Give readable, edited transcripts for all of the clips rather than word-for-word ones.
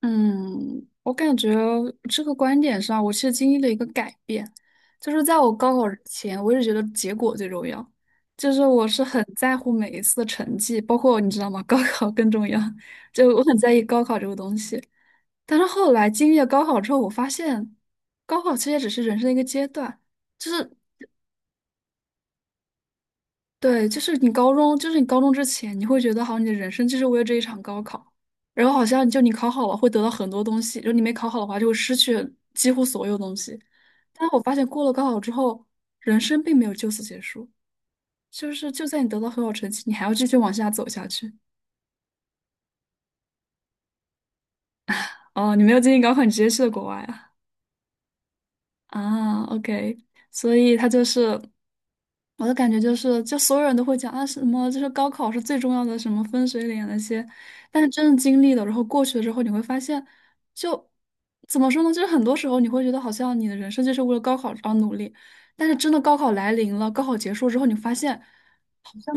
嗯，我感觉这个观点上，我其实经历了一个改变，就是在我高考前，我一直觉得结果最重要，就是我是很在乎每一次的成绩，包括你知道吗？高考更重要，就我很在意高考这个东西。但是后来经历了高考之后，我发现，高考其实也只是人生的一个阶段，就是对，就是你高中之前，你会觉得好像你的人生就是为了这一场高考，然后好像就你考好了会得到很多东西，然后你没考好的话就会失去几乎所有东西。但我发现过了高考之后，人生并没有就此结束，就是就算你得到很好成绩，你还要继续往下走下去。哦，你没有经历高考，你直接去了国外啊？啊，OK，所以他就是。我的感觉就是，就所有人都会讲啊，什么就是高考是最重要的，什么分水岭那些，但是真的经历了，然后过去了之后，你会发现，就怎么说呢？就是很多时候你会觉得好像你的人生就是为了高考而努力，但是真的高考来临了，高考结束之后，你发现像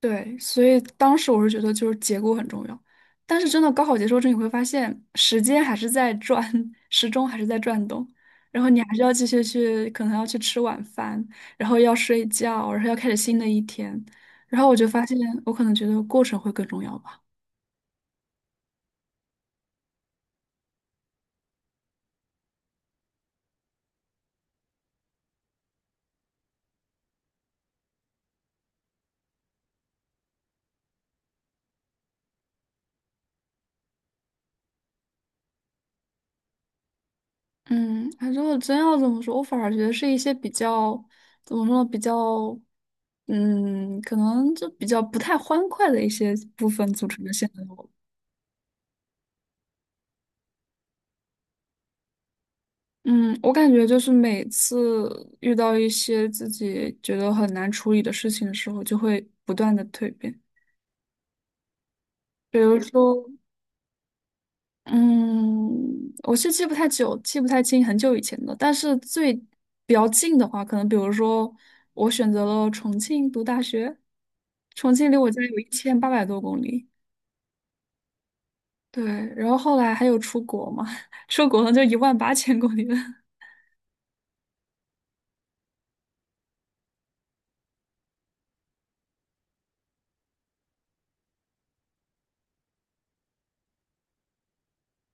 对，所以当时我是觉得就是结果很重要，但是真的高考结束之后，你会发现时间还是在转，时钟还是在转动，然后你还是要继续去，可能要去吃晚饭，然后要睡觉，然后要开始新的一天，然后我就发现我可能觉得过程会更重要吧。嗯，反正我真要这么说，我反而觉得是一些比较怎么说呢，比较嗯，可能就比较不太欢快的一些部分组成的现在的我。嗯，我感觉就是每次遇到一些自己觉得很难处理的事情的时候，就会不断的蜕变。比如说，嗯，我是记不太久，记不太清很久以前的，但是比较近的话，可能比如说我选择了重庆读大学，重庆离我家有1800多公里，对，然后后来还有出国嘛，出国了就18000公里了。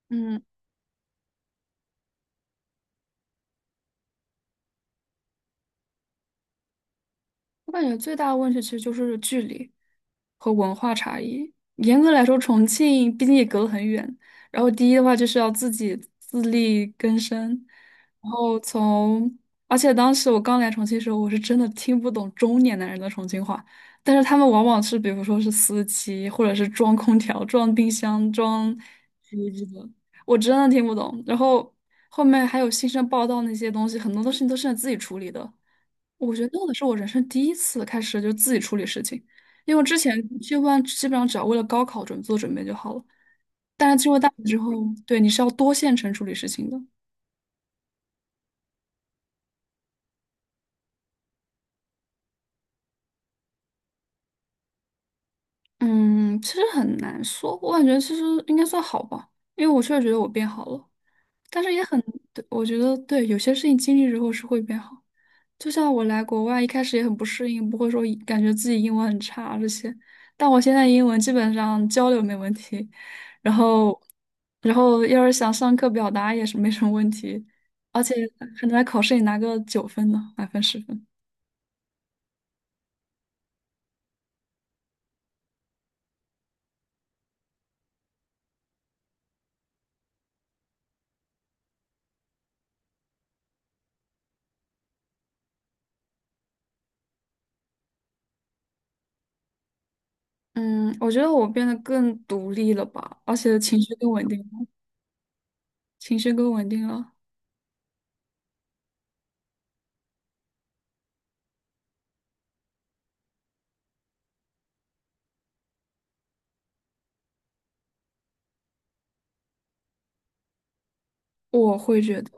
嗯，我感觉最大的问题其实就是距离和文化差异。严格来说，重庆毕竟也隔得很远。然后第一的话就是要自己自力更生，然后从，而且当时我刚来重庆的时候，我是真的听不懂中年男人的重庆话，但是他们往往是比如说是司机，或者是装空调、装冰箱、装洗衣机的，我真的听不懂。然后后面还有新生报道那些东西，很多东西都是自己处理的。我觉得那个是我人生第一次开始就自己处理事情，因为我之前基本上只要为了高考做准备就好了。之后，对，你是要多线程处理事情的。嗯，其实很难说，我感觉其实应该算好吧，因为我确实觉得我变好了，但是也很，对，我觉得对，有些事情经历之后是会变好。就像我来国外一开始也很不适应，不会说感觉自己英文很差这些，但我现在英文基本上交流没问题，然后，然后要是想上课表达也是没什么问题，而且可能在考试里拿个9分呢，满分10分。嗯，我觉得我变得更独立了吧，而且情绪更稳定了，情绪更稳定了。我会觉得，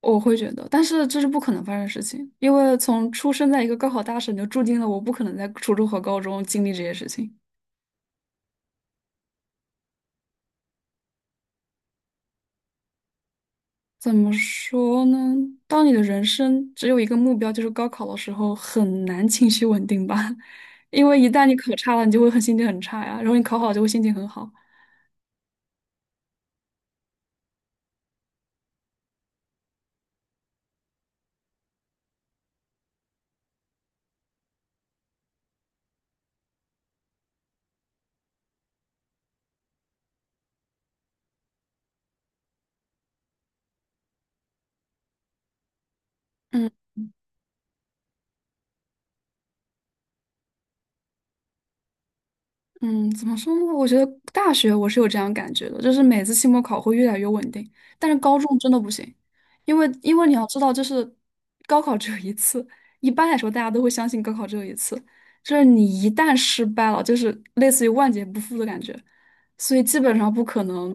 我会觉得，但是这是不可能发生的事情，因为从出生在一个高考大省，就注定了我不可能在初中和高中经历这些事情。怎么说呢？当你的人生只有一个目标，就是高考的时候，很难情绪稳定吧？因为一旦你考差了，你就会很心情很差呀，然后你考好就会心情很好。嗯嗯，怎么说呢？我觉得大学我是有这样感觉的，就是每次期末考会越来越稳定，但是高中真的不行，因为你要知道，就是高考只有一次，一般来说大家都会相信高考只有一次，就是你一旦失败了，就是类似于万劫不复的感觉。所以基本上不可能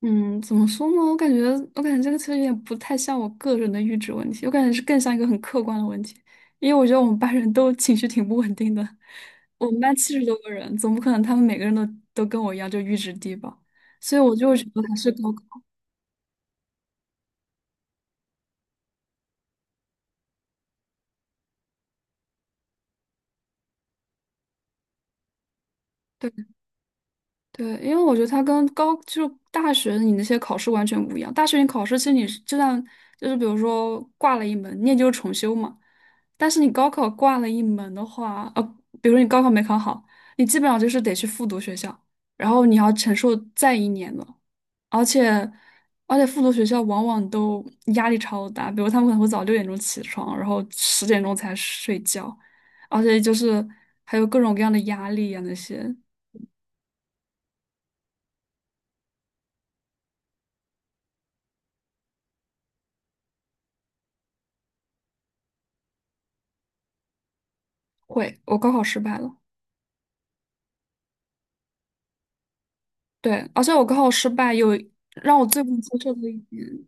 嗯，怎么说呢？我感觉这个其实有点不太像我个人的阈值问题，我感觉是更像一个很客观的问题。因为我觉得我们班人都情绪挺不稳定的，我们班70多个人，总不可能他们每个人都跟我一样就阈值低吧，所以我就会觉得还是高考。对，因为我觉得它跟高就大学你那些考试完全不一样。大学你考试其实你是就算就是比如说挂了一门，你也就是重修嘛。但是你高考挂了一门的话，比如说你高考没考好，你基本上就是得去复读学校，然后你要承受再一年了。而且复读学校往往都压力超大，比如他们可能会早6点钟起床，然后10点钟才睡觉，而且就是还有各种各样的压力啊那些。会，我高考失败了。对，而且我高考失败有让我最不能接受的一点，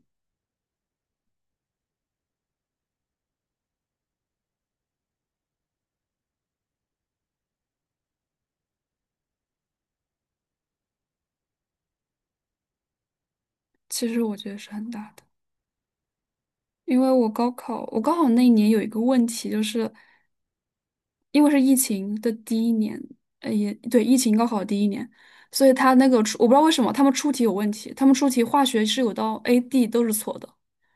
其实我觉得是很大的，因为我高考，我高考那一年有一个问题，就是因为是疫情的第一年，也对，疫情高考第一年，所以他那个出，我不知道为什么他们出题有问题，他们出题化学是有道 A、D 都是错的，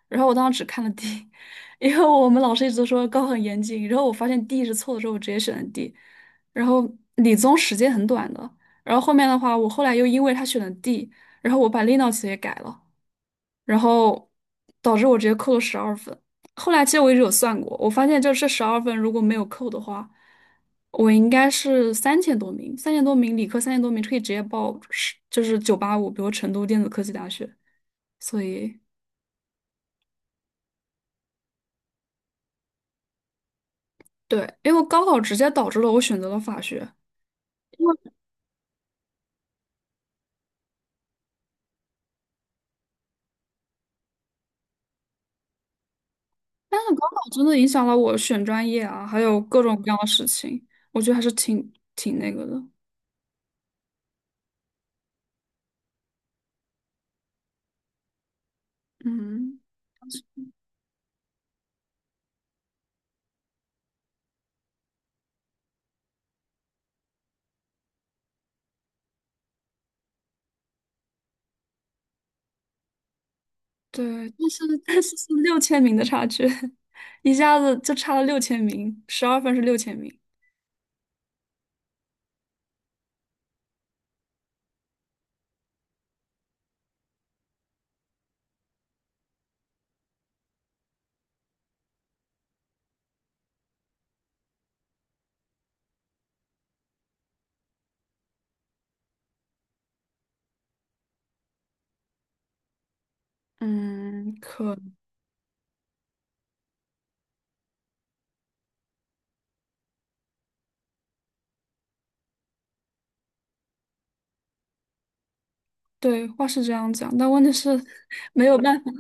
然后我当时只看了 D，因为我们老师一直都说高很严谨，然后我发现 D 是错的之后，我直接选了 D，然后理综时间很短的，然后后面的话，我后来又因为他选了 D，然后我把 Linux 也改了。然后导致我直接扣了十二分。后来其实我一直有算过，我发现就是这十二分如果没有扣的话，我应该是三千多名，三千多名理科三千多名可以直接报是就是985，比如成都电子科技大学。所以对，因为高考直接导致了我选择了法学，因为但是高考真的影响了我选专业啊，还有各种各样的事情，我觉得还是挺那个的，嗯。对，但是是六千名的差距，一下子就差了6000名，十二分是六千名。嗯，可对，话是这样讲，但问题是 没有办法。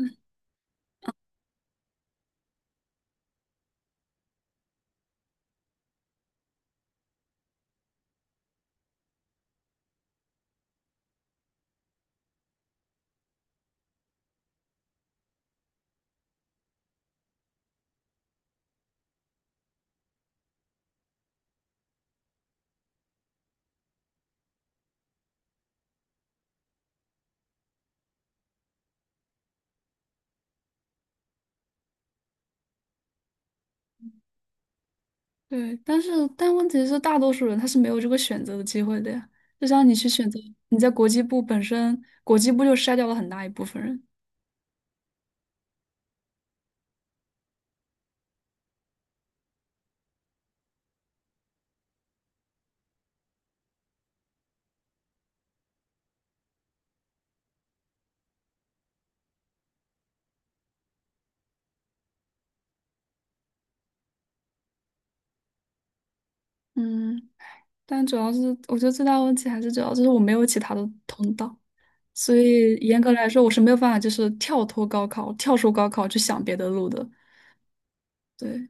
对，但问题是，大多数人他是没有这个选择的机会的呀。就像你去选择，你在国际部本身，国际部就筛掉了很大一部分人。嗯，但主要是我觉得最大的问题还是主要就是我没有其他的通道，所以严格来说，我是没有办法就是跳脱高考，跳出高考去想别的路的。对，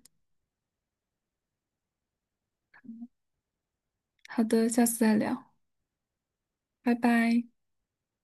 好的，下次再聊，拜拜。